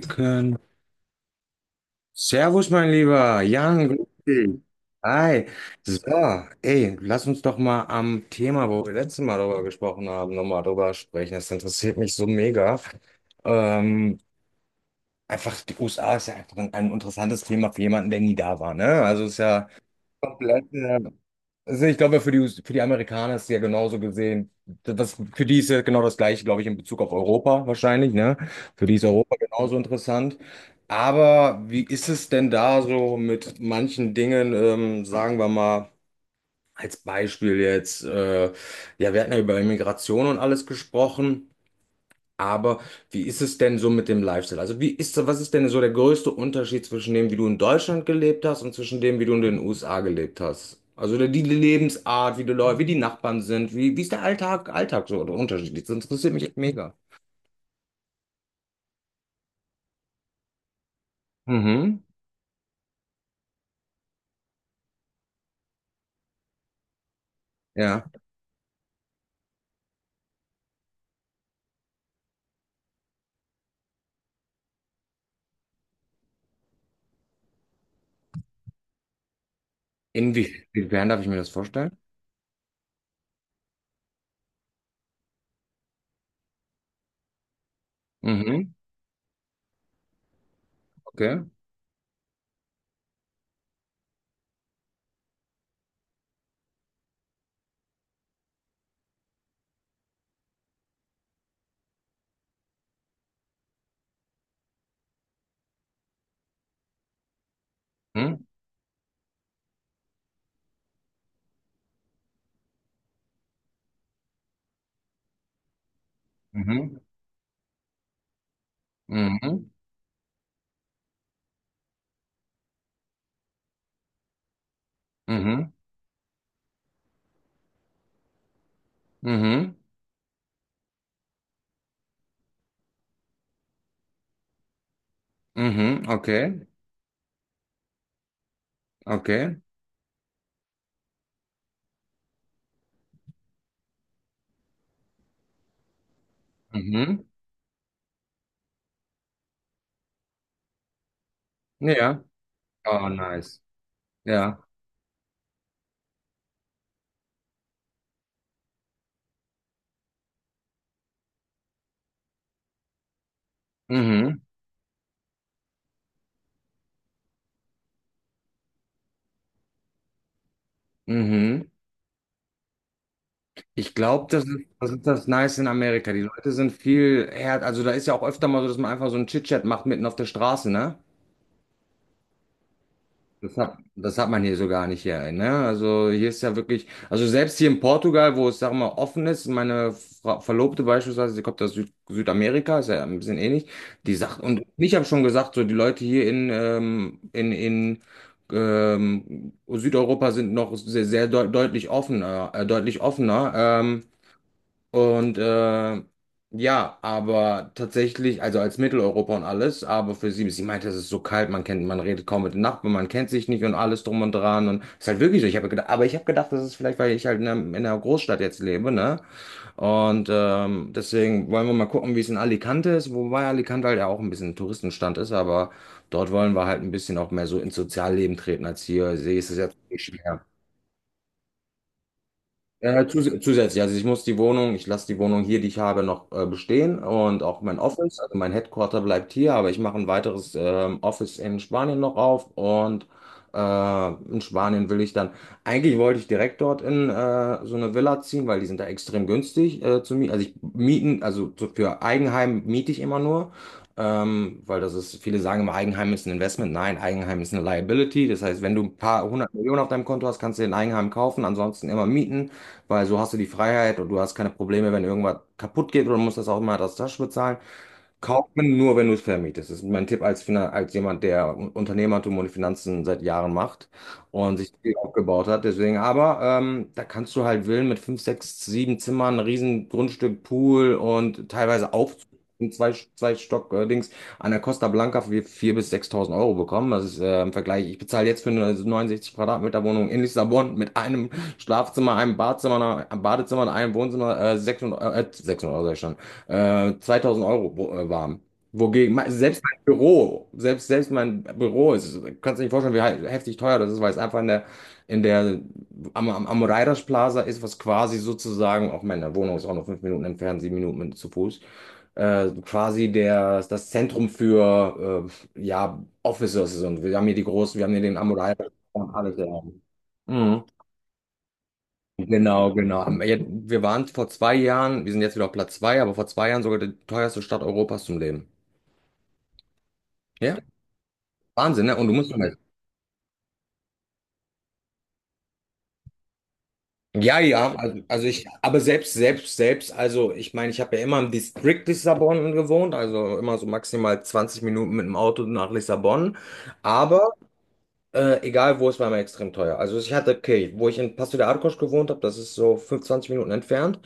Können. Servus, mein lieber Jan, grüß dich. Hi. So, ey, lass uns doch mal am Thema, wo wir letztes Mal darüber gesprochen haben, nochmal drüber sprechen. Das interessiert mich so mega. Ähm, Einfach, die USA ist ja einfach ein interessantes Thema für jemanden, der nie da war, ne? Also ist ja komplett. Also ich glaube, US für die Amerikaner ist es ja genauso gesehen, für die ist ja genau das Gleiche, glaube ich, in Bezug auf Europa wahrscheinlich, ne? Für die ist Europa genauso interessant. Aber wie ist es denn da so mit manchen Dingen, sagen wir mal, als Beispiel jetzt, ja, wir hatten ja über Immigration und alles gesprochen. Aber wie ist es denn so mit dem Lifestyle? Also was ist denn so der größte Unterschied zwischen dem, wie du in Deutschland gelebt hast und zwischen dem, wie du in den USA gelebt hast? Also die Lebensart, wie die Leute, wie die Nachbarn sind, wie ist der Alltag, Alltag so oder unterschiedlich? Das interessiert mich echt mega. Mhm. Ja. Inwiefern darf ich mir das vorstellen? Mhm. Okay. Mhm. Mhm. Mhm. Mhm. Mhm. Mhm. Okay. Okay. Mhm. Ja. Oh, nice. Ja. Mhm. Mhm. Ich glaube, das ist das Nice in Amerika. Die Leute sind viel härter. Also da ist ja auch öfter mal so, dass man einfach so einen Chit-Chat macht mitten auf der Straße, ne? Das hat man hier so gar nicht hier, ne? Also hier ist ja wirklich, also selbst hier in Portugal, wo es, sag mal, offen ist, meine Fra Verlobte beispielsweise, sie kommt aus Südamerika, ist ja ein bisschen ähnlich, die sagt, und ich habe schon gesagt, so die Leute hier in Südeuropa sind noch sehr, sehr deutlich offener, deutlich offener. Und ja, aber tatsächlich, also als Mitteleuropa und alles, aber für sie meinte, es ist so kalt, man redet kaum mit den Nachbarn, man kennt sich nicht und alles drum und dran. Und es ist halt wirklich so. Ich habe gedacht, aber ich habe gedacht, das ist vielleicht, weil ich halt in einer Großstadt jetzt lebe, ne? Und deswegen wollen wir mal gucken, wie es in Alicante ist, wobei Alicante halt ja auch ein bisschen ein Touristenstand ist, aber dort wollen wir halt ein bisschen auch mehr so ins Sozialleben treten als hier. See ist es jetzt nicht schwer. Zusätzlich, also ich muss die Wohnung, ich lasse die Wohnung hier, die ich habe, noch bestehen, und auch mein Office, also mein Headquarter bleibt hier, aber ich mache ein weiteres Office in Spanien noch auf und in Spanien will ich dann, eigentlich wollte ich direkt dort in so eine Villa ziehen, weil die sind da extrem günstig zu mieten, also ich mieten, also so für Eigenheim miete ich immer nur. Weil das ist, viele sagen immer, Eigenheim ist ein Investment. Nein, Eigenheim ist eine Liability. Das heißt, wenn du ein paar hundert Millionen auf deinem Konto hast, kannst du den Eigenheim kaufen, ansonsten immer mieten, weil so hast du die Freiheit und du hast keine Probleme, wenn irgendwas kaputt geht oder musst das auch immer aus der Tasche bezahlen. Kauft man nur, wenn du es vermietest. Das ist mein Tipp als, Finan als jemand, der Unternehmertum und Finanzen seit Jahren macht und sich viel aufgebaut hat. Deswegen, aber da kannst du halt Villen mit fünf, sechs, sieben Zimmern, riesen Grundstück, Pool und teilweise auf zwei Stock Dings an der Costa Blanca für 4.000 bis 6.000 Euro bekommen. Das ist im Vergleich. Ich bezahle jetzt für eine 69 Quadratmeter Wohnung in Lissabon mit einem Schlafzimmer, einem Badezimmer und einem Wohnzimmer, 600 600 Euro, 2000 Euro waren. Wogegen, selbst mein Büro, selbst mein Büro, ist, kannst du dir nicht vorstellen, wie heftig teuer das ist, weil es einfach in der, am, am, am Raiders Plaza ist, was quasi sozusagen, auch meine Wohnung ist auch noch 5 Minuten entfernt, 7 Minuten zu Fuß, quasi das Zentrum für, ja, Officers, und wir haben hier den Amoreider und alles. Ja. Mhm. Genau, genau. Ja, wir waren vor 2 Jahren, wir sind jetzt wieder auf Platz zwei, aber vor 2 Jahren sogar die teuerste Stadt Europas zum Leben. Ja, Wahnsinn, ne? Und du musst noch mal. Ja, ja, also ich, aber selbst, also ich meine, ich habe ja immer im Distrikt Lissabon gewohnt, also immer so maximal 20 Minuten mit dem Auto nach Lissabon. Aber egal wo, es war immer extrem teuer. Also ich hatte, okay, wo ich in Paso de Arcos gewohnt habe, das ist so 25 Minuten entfernt.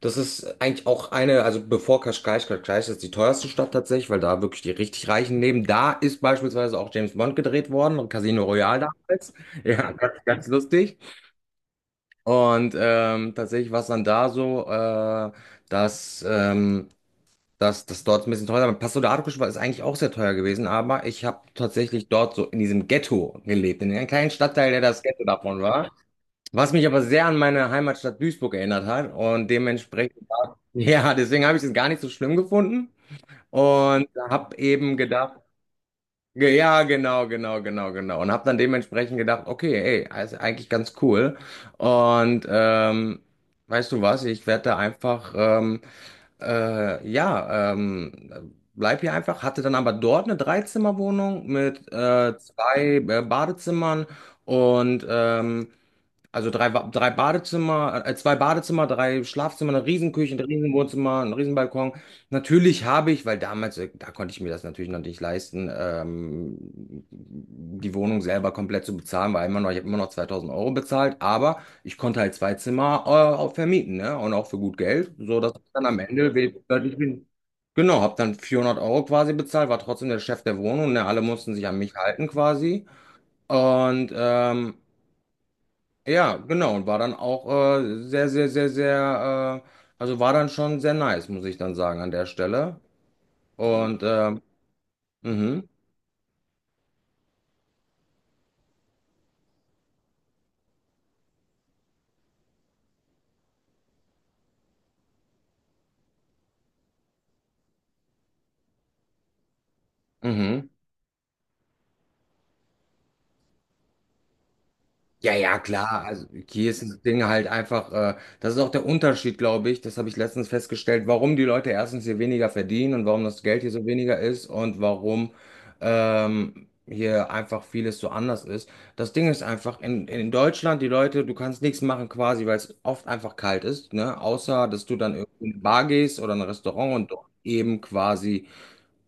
Das ist eigentlich auch eine, also bevor Cascais, Cascais ist die teuerste Stadt tatsächlich, weil da wirklich die richtig Reichen leben. Da ist beispielsweise auch James Bond gedreht worden, Casino Royale damals. Ja, ganz, ganz lustig. Und tatsächlich war es dann da so, dass das dort ist ein bisschen teurer. Passo de Arcos ist eigentlich auch sehr teuer gewesen, aber ich habe tatsächlich dort so in diesem Ghetto gelebt, in einem kleinen Stadtteil, der das Ghetto davon war. Was mich aber sehr an meine Heimatstadt Duisburg erinnert hat und dementsprechend, ja, deswegen habe ich es gar nicht so schlimm gefunden und habe eben gedacht, ja, genau, genau, genau, genau. Und habe dann dementsprechend gedacht, okay, ey, ist eigentlich ganz cool. Und weißt du was, ich werde da einfach. Ja, bleib hier einfach, hatte dann aber dort eine Dreizimmerwohnung mit zwei Badezimmer und also drei, drei Badezimmer, zwei Badezimmer, drei Schlafzimmer, eine Riesenküche, ein Riesenwohnzimmer, ein Riesenbalkon. Natürlich habe ich, weil damals, da konnte ich mir das natürlich noch nicht leisten, die Wohnung selber komplett zu bezahlen, weil immer noch, ich habe immer noch 2000 Euro bezahlt, aber ich konnte halt zwei Zimmer, auch vermieten, ne? Und auch für gut Geld, so dass ich dann am Ende deutlich bin. Genau, habe dann 400 Euro quasi bezahlt, war trotzdem der Chef der Wohnung, ne? Alle mussten sich an mich halten quasi. Und ja, genau. Und war dann auch sehr, sehr, sehr, sehr, also war dann schon sehr nice, muss ich dann sagen, an der Stelle. Mhm. Und, mhm, mhm. Ja, ja, klar. Also hier ist das Ding halt einfach, das ist auch der Unterschied, glaube ich. Das habe ich letztens festgestellt, warum die Leute erstens hier weniger verdienen und warum das Geld hier so weniger ist und warum hier einfach vieles so anders ist. Das Ding ist einfach, in Deutschland, die Leute, du kannst nichts machen quasi, weil es oft einfach kalt ist, ne? Außer, dass du dann irgendwie in eine Bar gehst oder in ein Restaurant und dort eben quasi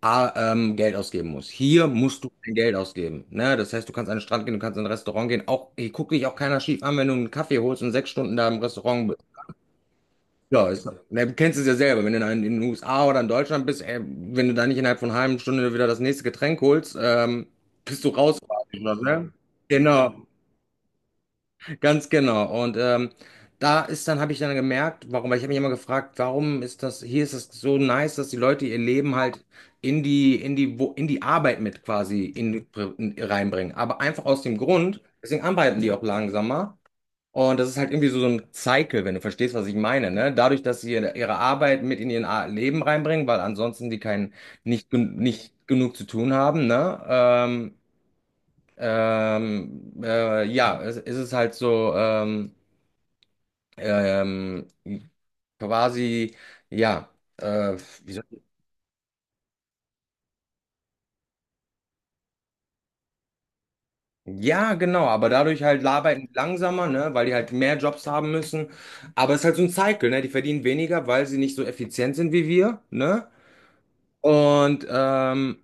Geld ausgeben musst. Hier musst du kein Geld ausgeben. Ne? Das heißt, du kannst an den Strand gehen, du kannst in ein Restaurant gehen. Auch, hier guckt dich auch keiner schief an, wenn du einen Kaffee holst und 6 Stunden da im Restaurant bist. Ja, ist, ne, du kennst es ja selber, wenn du in den USA oder in Deutschland bist, ey, wenn du da nicht innerhalb von einer halben Stunde wieder das nächste Getränk holst, bist du raus, quasi, oder, ne? Genau. Ganz genau. Und da ist dann, habe ich dann gemerkt, warum, weil ich habe mich immer gefragt, warum ist das, hier ist es so nice, dass die Leute ihr Leben halt in die Arbeit mit quasi reinbringen. Aber einfach aus dem Grund, deswegen arbeiten die auch langsamer. Und das ist halt irgendwie so ein Cycle, wenn du verstehst, was ich meine, ne? Dadurch, dass sie ihre Arbeit mit in ihr Leben reinbringen, weil ansonsten die keinen, nicht, nicht genug zu tun haben, ne? Ja, es ist halt so, ähm, quasi, ja, äh, wie soll ich- ja, genau, aber dadurch halt arbeiten die langsamer, ne, weil die halt mehr Jobs haben müssen. Aber es ist halt so ein Cycle, ne, die verdienen weniger, weil sie nicht so effizient sind wie wir, ne? Und, ähm,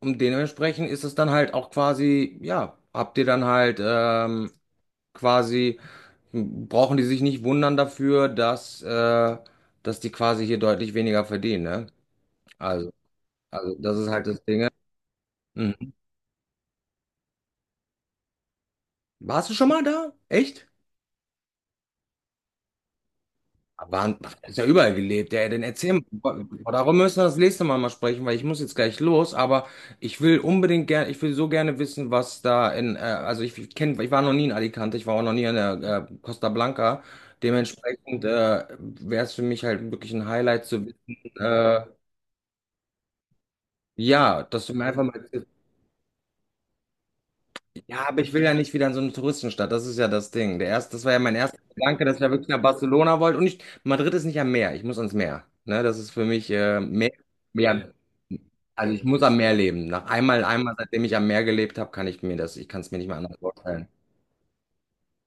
und dementsprechend ist es dann halt auch quasi, ja, habt ihr dann halt, quasi brauchen die sich nicht wundern dafür, dass die quasi hier deutlich weniger verdienen, ne? Also, also das ist halt das Ding, ne? Mhm. Warst du schon mal da? Echt? War, ist ja überall gelebt. Ja, dann erzähl mal. Darum müssen wir das nächste Mal mal sprechen, weil ich muss jetzt gleich los, aber ich will unbedingt gerne, ich will so gerne wissen, was da in, also ich, kenne, ich war noch nie in Alicante, ich war auch noch nie in der Costa Blanca. Dementsprechend wäre es für mich halt wirklich ein Highlight zu wissen, ja, dass du mir einfach mal. Ja, aber ich will ja nicht wieder in so eine Touristenstadt. Das ist ja das Ding. Der erste, das war ja mein erster Gedanke, dass ich ja wirklich nach Barcelona wollte. Und ich, Madrid ist nicht am Meer. Ich muss ans Meer. Ne, das ist für mich Meer, Meer. Also ich muss am Meer leben. Nach einmal, einmal, seitdem ich am Meer gelebt habe, kann ich mir das, ich kann es mir nicht mehr anders vorstellen.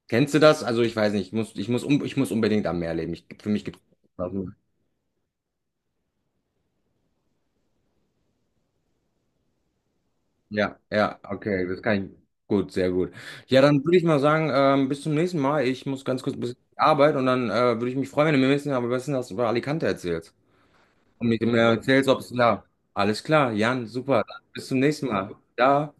Kennst du das? Also ich weiß nicht. Ich muss unbedingt am Meer leben. Ich, für mich gibt es. Ja, ja, okay, das kann ich. Gut, sehr gut. Ja, dann würde ich mal sagen, bis zum nächsten Mal. Ich muss ganz kurz ein bisschen in die Arbeit und dann würde ich mich freuen, wenn du mir ein bisschen aber besten was über Alicante erzählst. Und mir mehr erzählst, ob es ja. Alles klar, Jan, super. Dann bis zum nächsten Mal. Ja.